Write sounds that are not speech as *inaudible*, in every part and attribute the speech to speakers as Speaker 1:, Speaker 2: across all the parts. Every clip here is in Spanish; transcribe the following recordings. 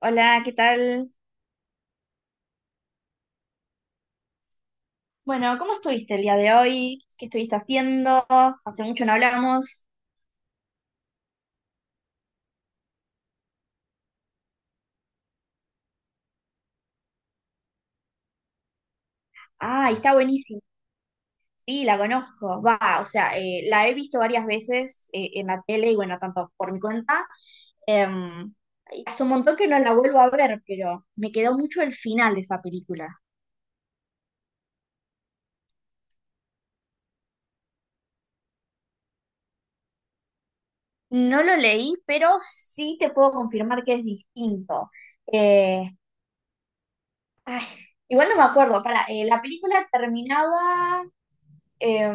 Speaker 1: Hola, ¿qué tal? Bueno, ¿cómo estuviste el día de hoy? ¿Qué estuviste haciendo? Hace mucho no hablamos. Ah, está buenísimo. Sí, la conozco. Va, o sea, la he visto varias veces en la tele y bueno, tanto por mi cuenta. em, y hace un montón que no la vuelvo a ver, pero me quedó mucho el final de esa película. No lo leí, pero sí te puedo confirmar que es distinto. Eh, Ay, igual no me acuerdo. Para, la película terminaba. eh,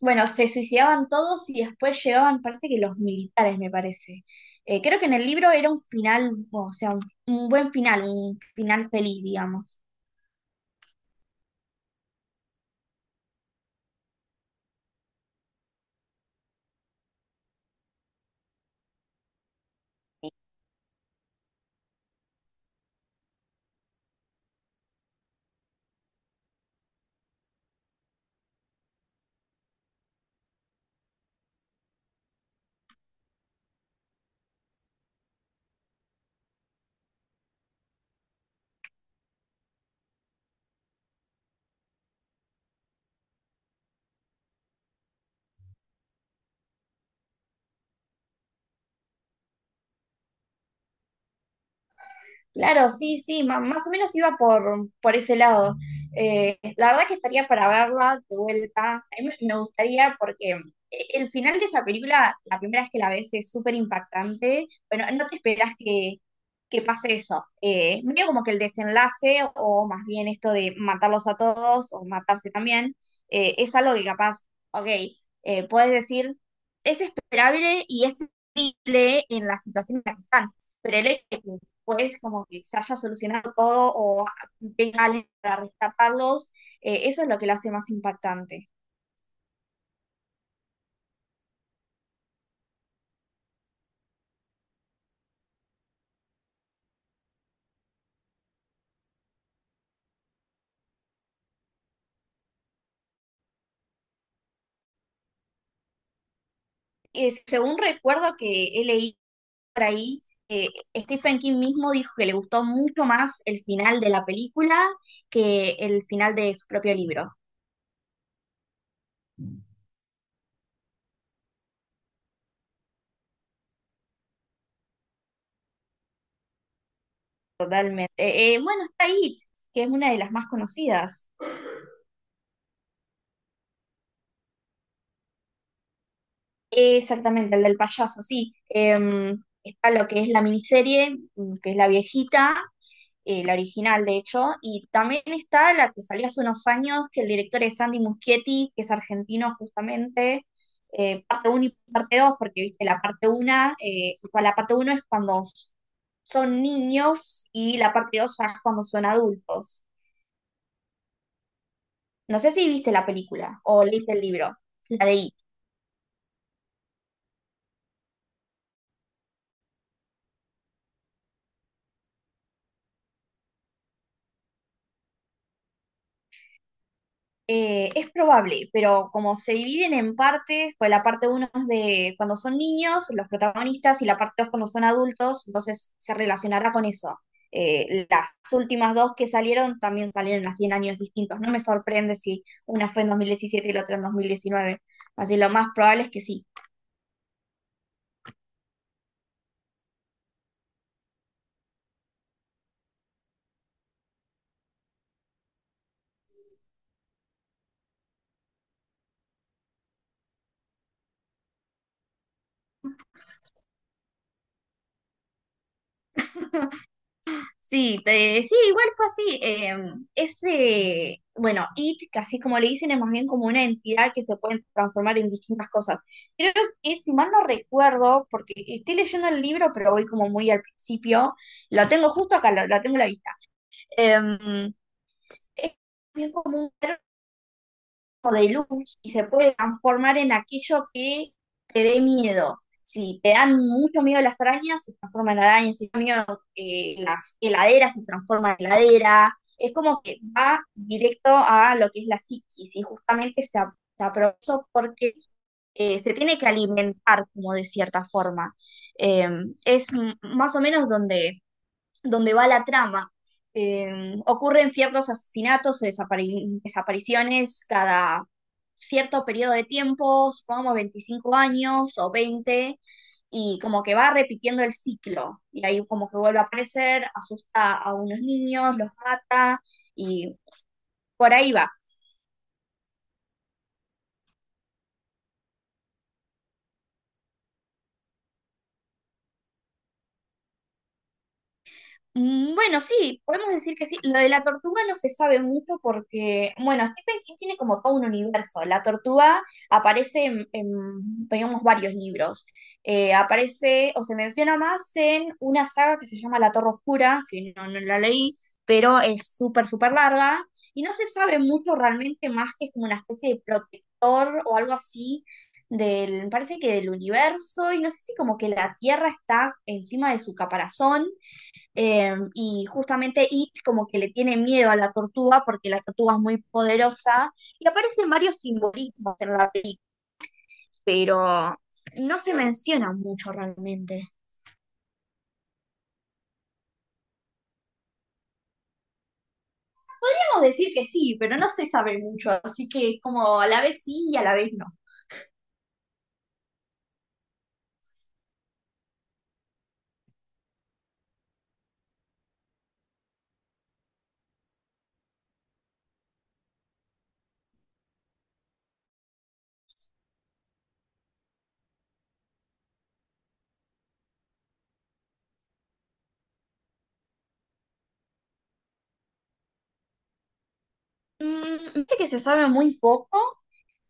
Speaker 1: bueno, se suicidaban todos y después llegaban, parece que los militares, me parece. Creo que en el libro era un final, o sea, un buen final, un final feliz, digamos. Claro, sí, sí, más o menos iba por ese lado. La verdad que estaría para verla de vuelta. A mí me gustaría porque el final de esa película, la primera vez que la ves es súper impactante. Bueno, no te esperas que pase eso. Medio como que el desenlace, o más bien esto de matarlos a todos o matarse también, es algo que capaz, ok, puedes decir, es esperable y es simple en la situación en la que están. Pero el hecho de que después como que se haya solucionado todo o venga alguien para rescatarlos, eso es lo que lo hace más impactante. Según recuerdo que he leído por ahí, eh, Stephen King mismo dijo que le gustó mucho más el final de la película que el final de su propio libro. Realmente. Bueno, está It, que es una de las más conocidas. Exactamente, el del payaso, sí. Está lo que es la miniserie, que es la viejita, la original de hecho, y también está la que salió hace unos años, que el director es Andy Muschietti, que es argentino justamente, parte uno y parte 2 porque viste, la parte 1, la parte uno es cuando son niños y la parte 2 ya es cuando son adultos. No sé si viste la película o leíste el libro, la de I. Es probable, pero como se dividen en partes, pues la parte uno es de cuando son niños, los protagonistas, y la parte 2 cuando son adultos, entonces se relacionará con eso. Las últimas dos que salieron también salieron así en años distintos. No me sorprende si una fue en 2017 y la otra en 2019. Así lo más probable es que sí. Sí, sí, igual fue así. Ese, bueno, IT, que así como le dicen, es más bien como una entidad que se puede transformar en distintas cosas. Creo que, si mal no recuerdo, porque estoy leyendo el libro, pero voy como muy al principio, lo tengo justo acá, lo tengo a la vista. Eh, es bien común de luz y se puede transformar en aquello que te dé miedo. Si te dan mucho miedo las arañas, se transforman en arañas. Si te dan miedo las heladeras, se transforman en heladera. Es como que va directo a lo que es la psiquis y justamente se aprovechó porque se tiene que alimentar como de cierta forma. Eh, es más o menos donde va la trama. Ocurren ciertos asesinatos o desapariciones cada cierto periodo de tiempo, supongamos 25 años o 20, y como que va repitiendo el ciclo. Y ahí como que vuelve a aparecer, asusta a unos niños, los mata, y por ahí va. Mm. Bueno, sí, podemos decir que sí. Lo de la tortuga no se sabe mucho porque, bueno, Stephen King tiene como todo un universo. La tortuga aparece en, digamos, varios libros. Aparece o se menciona más en una saga que se llama La Torre Oscura, que no, no la leí, pero es súper, súper larga. Y no se sabe mucho realmente más que es como una especie de protector o algo así del, parece que del universo. Y no sé si como que la Tierra está encima de su caparazón y justamente It como que le tiene miedo a la tortuga porque la tortuga es muy poderosa y aparecen varios simbolismos en la película, pero no se menciona mucho realmente. Podríamos decir que sí, pero no se sabe mucho, así que es como a la vez sí y a la vez no. Mm, dice que se sabe muy poco.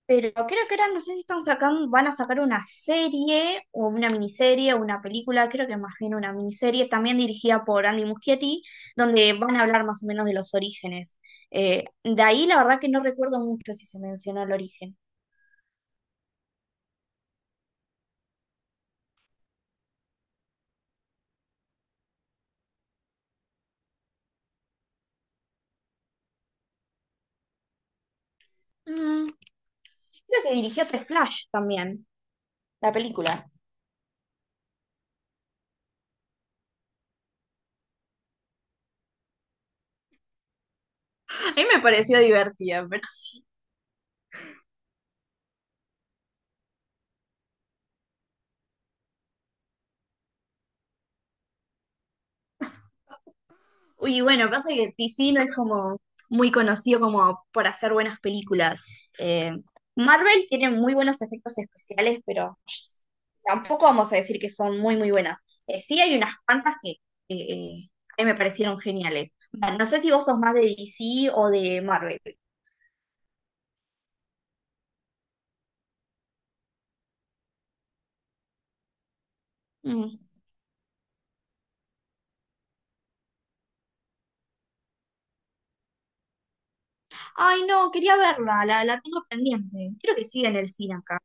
Speaker 1: Pero creo que ahora no sé si están sacando, van a sacar una serie o una miniserie o una película, creo que más bien una miniserie, también dirigida por Andy Muschietti, donde van a hablar más o menos de los orígenes. De ahí la verdad que no recuerdo mucho si se mencionó el origen. Mm, creo que dirigió The Flash también, la película. A mí me pareció divertida. Y bueno, pasa que DC no es como muy conocido como por hacer buenas películas. Eh, Marvel tiene muy buenos efectos especiales, pero tampoco vamos a decir que son muy, muy buenas. Sí hay unas cuantas que a mí me parecieron geniales. Bueno, no sé si vos sos más de DC o de Marvel. Mm. Ay, no, quería verla, la tengo pendiente. Creo que sigue en el cine acá.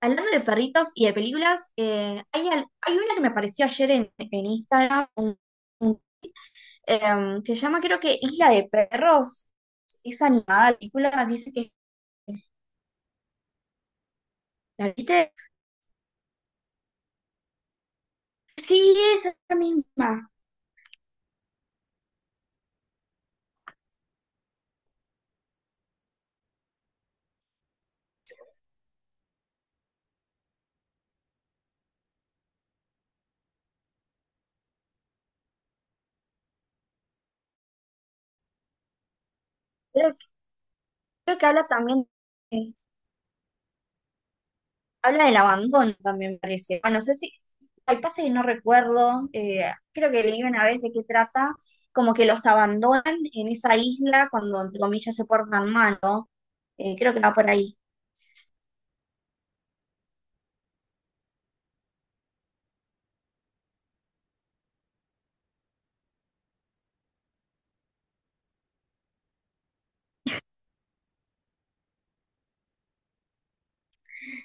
Speaker 1: Hablando de perritos y de películas, hay una que me apareció ayer en Instagram, un- se llama creo que Isla de Perros, es animada la película, dice que la viste. Sí, es la misma, creo, creo que habla también, eh, habla del abandono también me parece. Bueno, no sé si, hay pasa que no recuerdo, creo que leí una vez de qué trata, como que los abandonan en esa isla cuando entre comillas se portan mal, ¿no? Creo que va por ahí.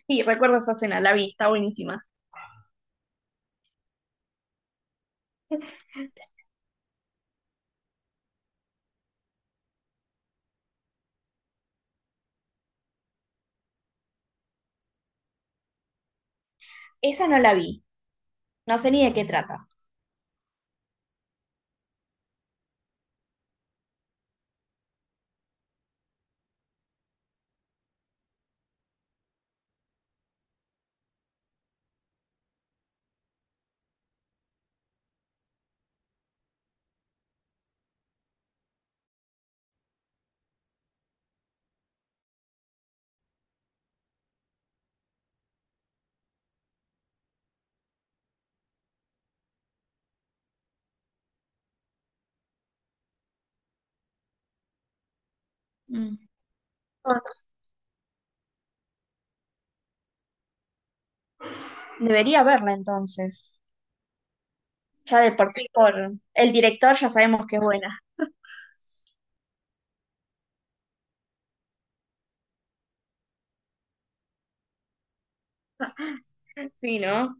Speaker 1: Sí, recuerdo esa escena, la vi, está buenísima. Esa no la vi, no sé ni de qué trata. Mm. Bueno, debería verla entonces. Ya de por sí, por el director ya sabemos que es buena. *laughs* Sí, ¿no?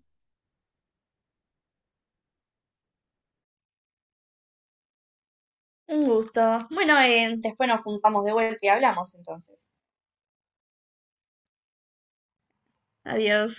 Speaker 1: Un gusto. Bueno, después nos juntamos de vuelta y hablamos entonces. Adiós.